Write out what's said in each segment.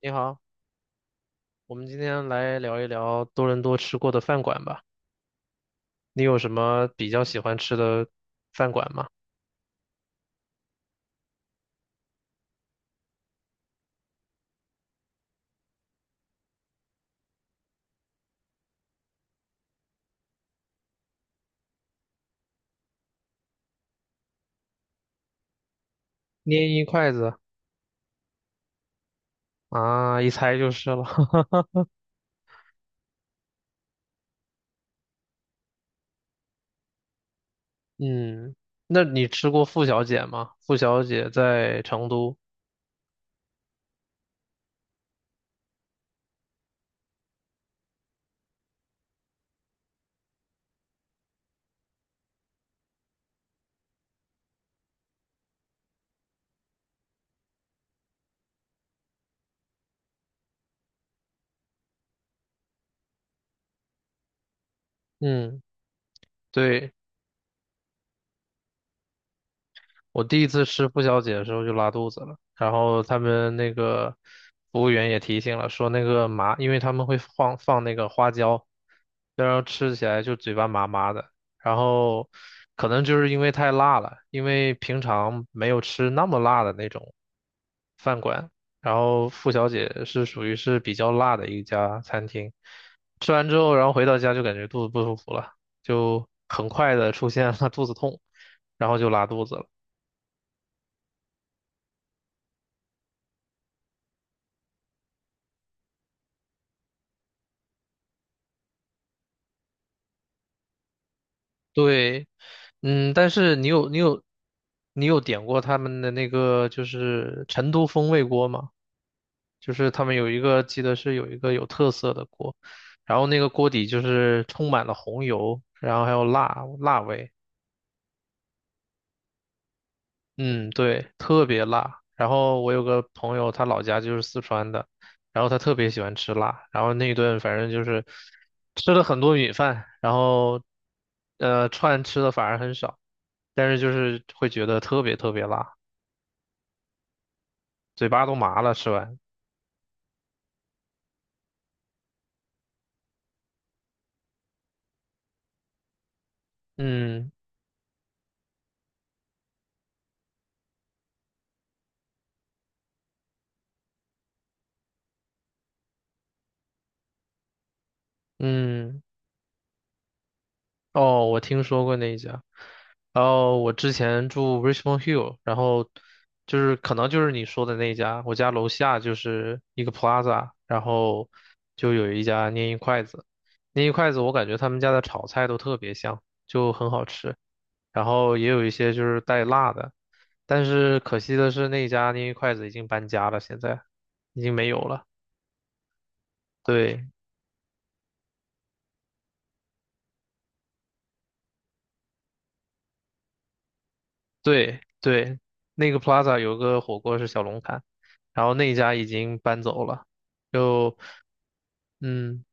你好，我们今天来聊一聊多伦多吃过的饭馆吧。你有什么比较喜欢吃的饭馆吗？捏一筷子啊，一猜就是了。嗯，那你吃过傅小姐吗？傅小姐在成都。嗯，对，我第一次吃付小姐的时候就拉肚子了，然后他们那个服务员也提醒了，说那个麻，因为他们会放那个花椒，然后吃起来就嘴巴麻麻的，然后可能就是因为太辣了，因为平常没有吃那么辣的那种饭馆，然后付小姐是属于是比较辣的一家餐厅，吃完之后，然后回到家就感觉肚子不舒服了，就很快的出现了 肚子痛，然后就拉肚子了。对，嗯，但是你有点过他们的那个就是成都风味锅吗？就是他们有一个记得是有一个有特色的锅，然后那个锅底就是充满了红油，然后还有辣味。嗯，对，特别辣。然后我有个朋友，他老家就是四川的，然后他特别喜欢吃辣，然后那一顿反正就是吃了很多米饭，然后串吃的反而很少，但是就是会觉得特别特别辣，嘴巴都麻了，吃完。嗯嗯。哦，我听说过那一家。然后我之前住 Richmond Hill，然后就是可能就是你说的那一家，我家楼下就是一个 Plaza，然后就有一家拈一筷子，拈一筷子我感觉他们家的炒菜都特别香，就很好吃，然后也有一些就是带辣的，但是可惜的是那一家拈一筷子已经搬家了，现在已经没有了，对，对对，那个 Plaza 有个火锅是小龙坎，然后那家已经搬走了。就嗯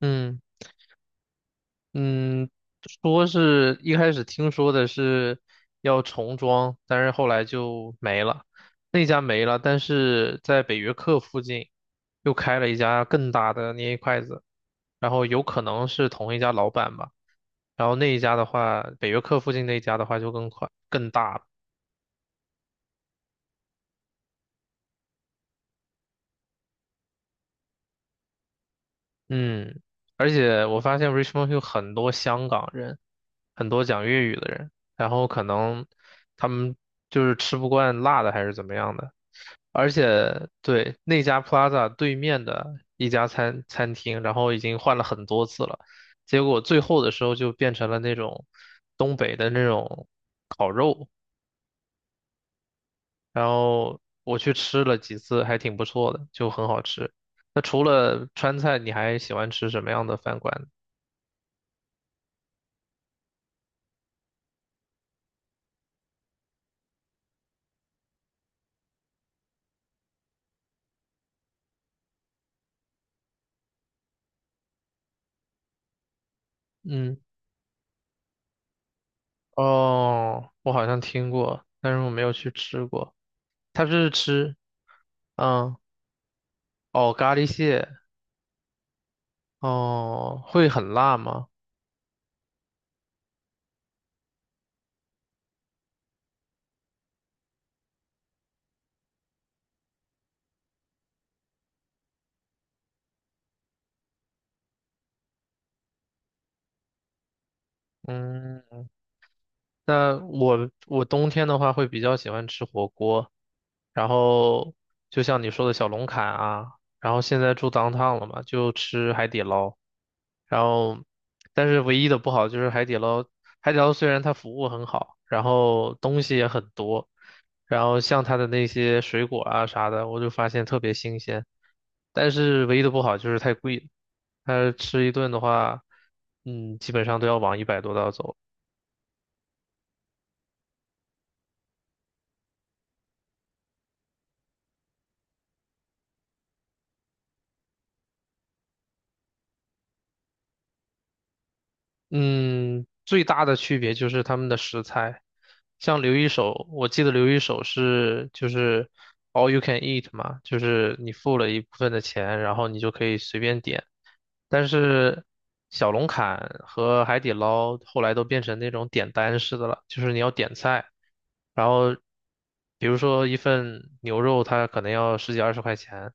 嗯嗯，说是一开始听说的是要重装，但是后来就没了。那家没了，但是在北约克附近又开了一家更大的捏筷子，然后有可能是同一家老板吧。然后那一家的话，北约克附近那一家的话就更快更大了。嗯，而且我发现 Richmond 有很多香港人，很多讲粤语的人，然后可能他们就是吃不惯辣的还是怎么样的。而且对那家 Plaza 对面的一家餐厅，然后已经换了很多次了，结果最后的时候就变成了那种东北的那种烤肉，然后我去吃了几次，还挺不错的，就很好吃。那除了川菜，你还喜欢吃什么样的饭馆呢？嗯。哦，我好像听过，但是我没有去吃过。它是吃，嗯，哦，咖喱蟹，哦，会很辣吗？嗯，那我冬天的话会比较喜欢吃火锅，然后就像你说的小龙坎啊，然后现在住 downtown 了嘛，就吃海底捞，然后但是唯一的不好就是海底捞，海底捞虽然它服务很好，然后东西也很多，然后像它的那些水果啊啥的，我就发现特别新鲜，但是唯一的不好就是太贵了，它吃一顿的话，嗯，基本上都要往100多刀走。嗯，最大的区别就是他们的食材，像刘一手，我记得刘一手是就是 all you can eat 嘛，就是你付了一部分的钱，然后你就可以随便点。但是小龙坎和海底捞后来都变成那种点单式的了，就是你要点菜，然后比如说一份牛肉它可能要十几二十块钱，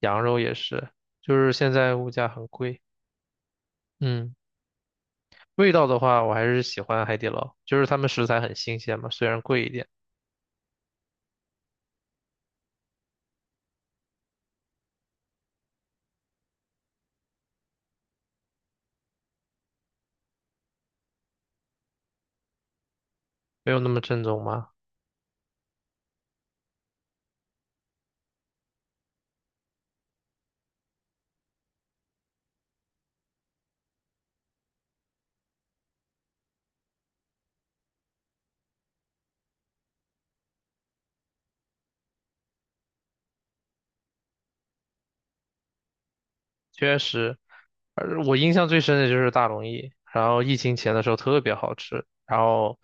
羊肉也是，就是现在物价很贵，嗯。味道的话，我还是喜欢海底捞，就是他们食材很新鲜嘛，虽然贵一点，没有那么正宗嘛。确实，而我印象最深的就是大龙燚，然后疫情前的时候特别好吃，然后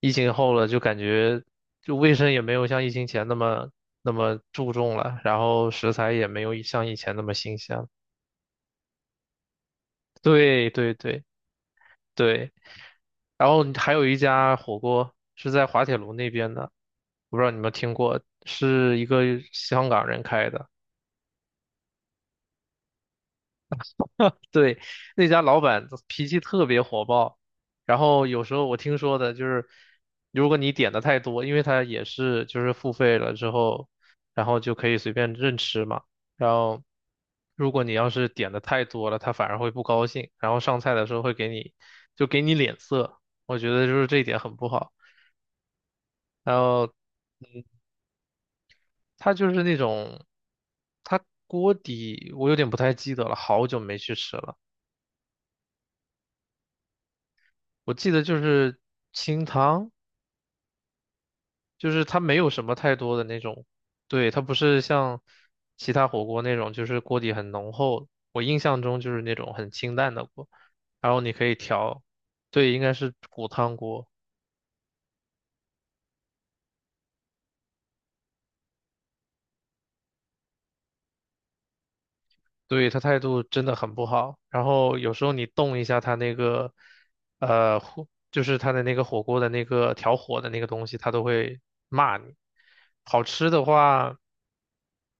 疫情后了就感觉就卫生也没有像疫情前那么注重了，然后食材也没有像以前那么新鲜了对对对对，然后还有一家火锅是在滑铁卢那边的，我不知道你们听过，是一个香港人开的。对，那家老板脾气特别火爆，然后有时候我听说的就是，如果你点的太多，因为他也是就是付费了之后，然后就可以随便任吃嘛。然后如果你要是点的太多了，他反而会不高兴，然后上菜的时候会给你就给你脸色，我觉得就是这一点很不好。然后他就是那种，他锅底我有点不太记得了，好久没去吃了。我记得就是清汤，就是它没有什么太多的那种，对，它不是像其他火锅那种，就是锅底很浓厚。我印象中就是那种很清淡的锅，然后你可以调，对，应该是骨汤锅，对，他态度真的很不好。然后有时候你动一下他那个，火，就是他的那个火锅的那个调火的那个东西，他都会骂你。好吃的话。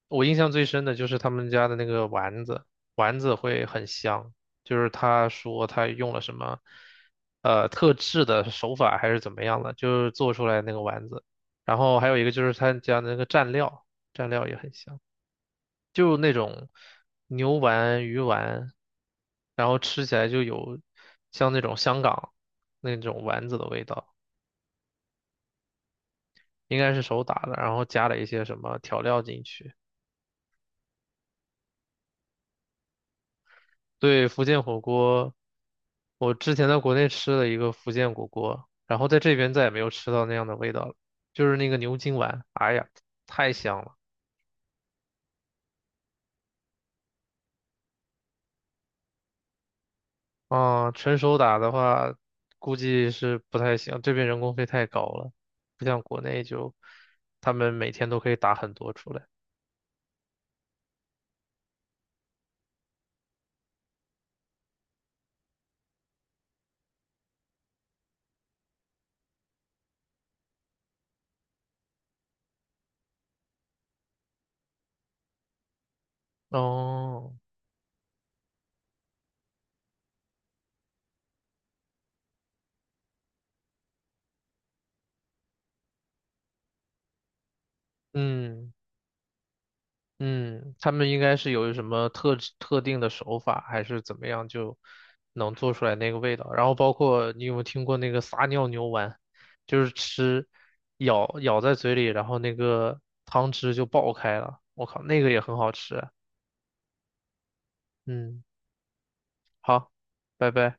我印象最深的就是他们家的那个丸子，丸子会很香。就是他说他用了什么，特制的手法还是怎么样的，就是做出来那个丸子。然后还有一个就是他家的那个蘸料，蘸料也很香，就那种牛丸、鱼丸，然后吃起来就有像那种香港那种丸子的味道，应该是手打的，然后加了一些什么调料进去。对，福建火锅，我之前在国内吃了一个福建火锅，然后在这边再也没有吃到那样的味道了，就是那个牛筋丸，哎呀，太香了。啊、纯手打的话，估计是不太行，这边人工费太高了，不像国内就他们每天都可以打很多出来。哦，嗯。嗯，他们应该是有什么特制特定的手法，还是怎么样就能做出来那个味道？然后包括你有没有听过那个撒尿牛丸，就是吃咬咬在嘴里，然后那个汤汁就爆开了。我靠，那个也很好吃啊。嗯，好，拜拜。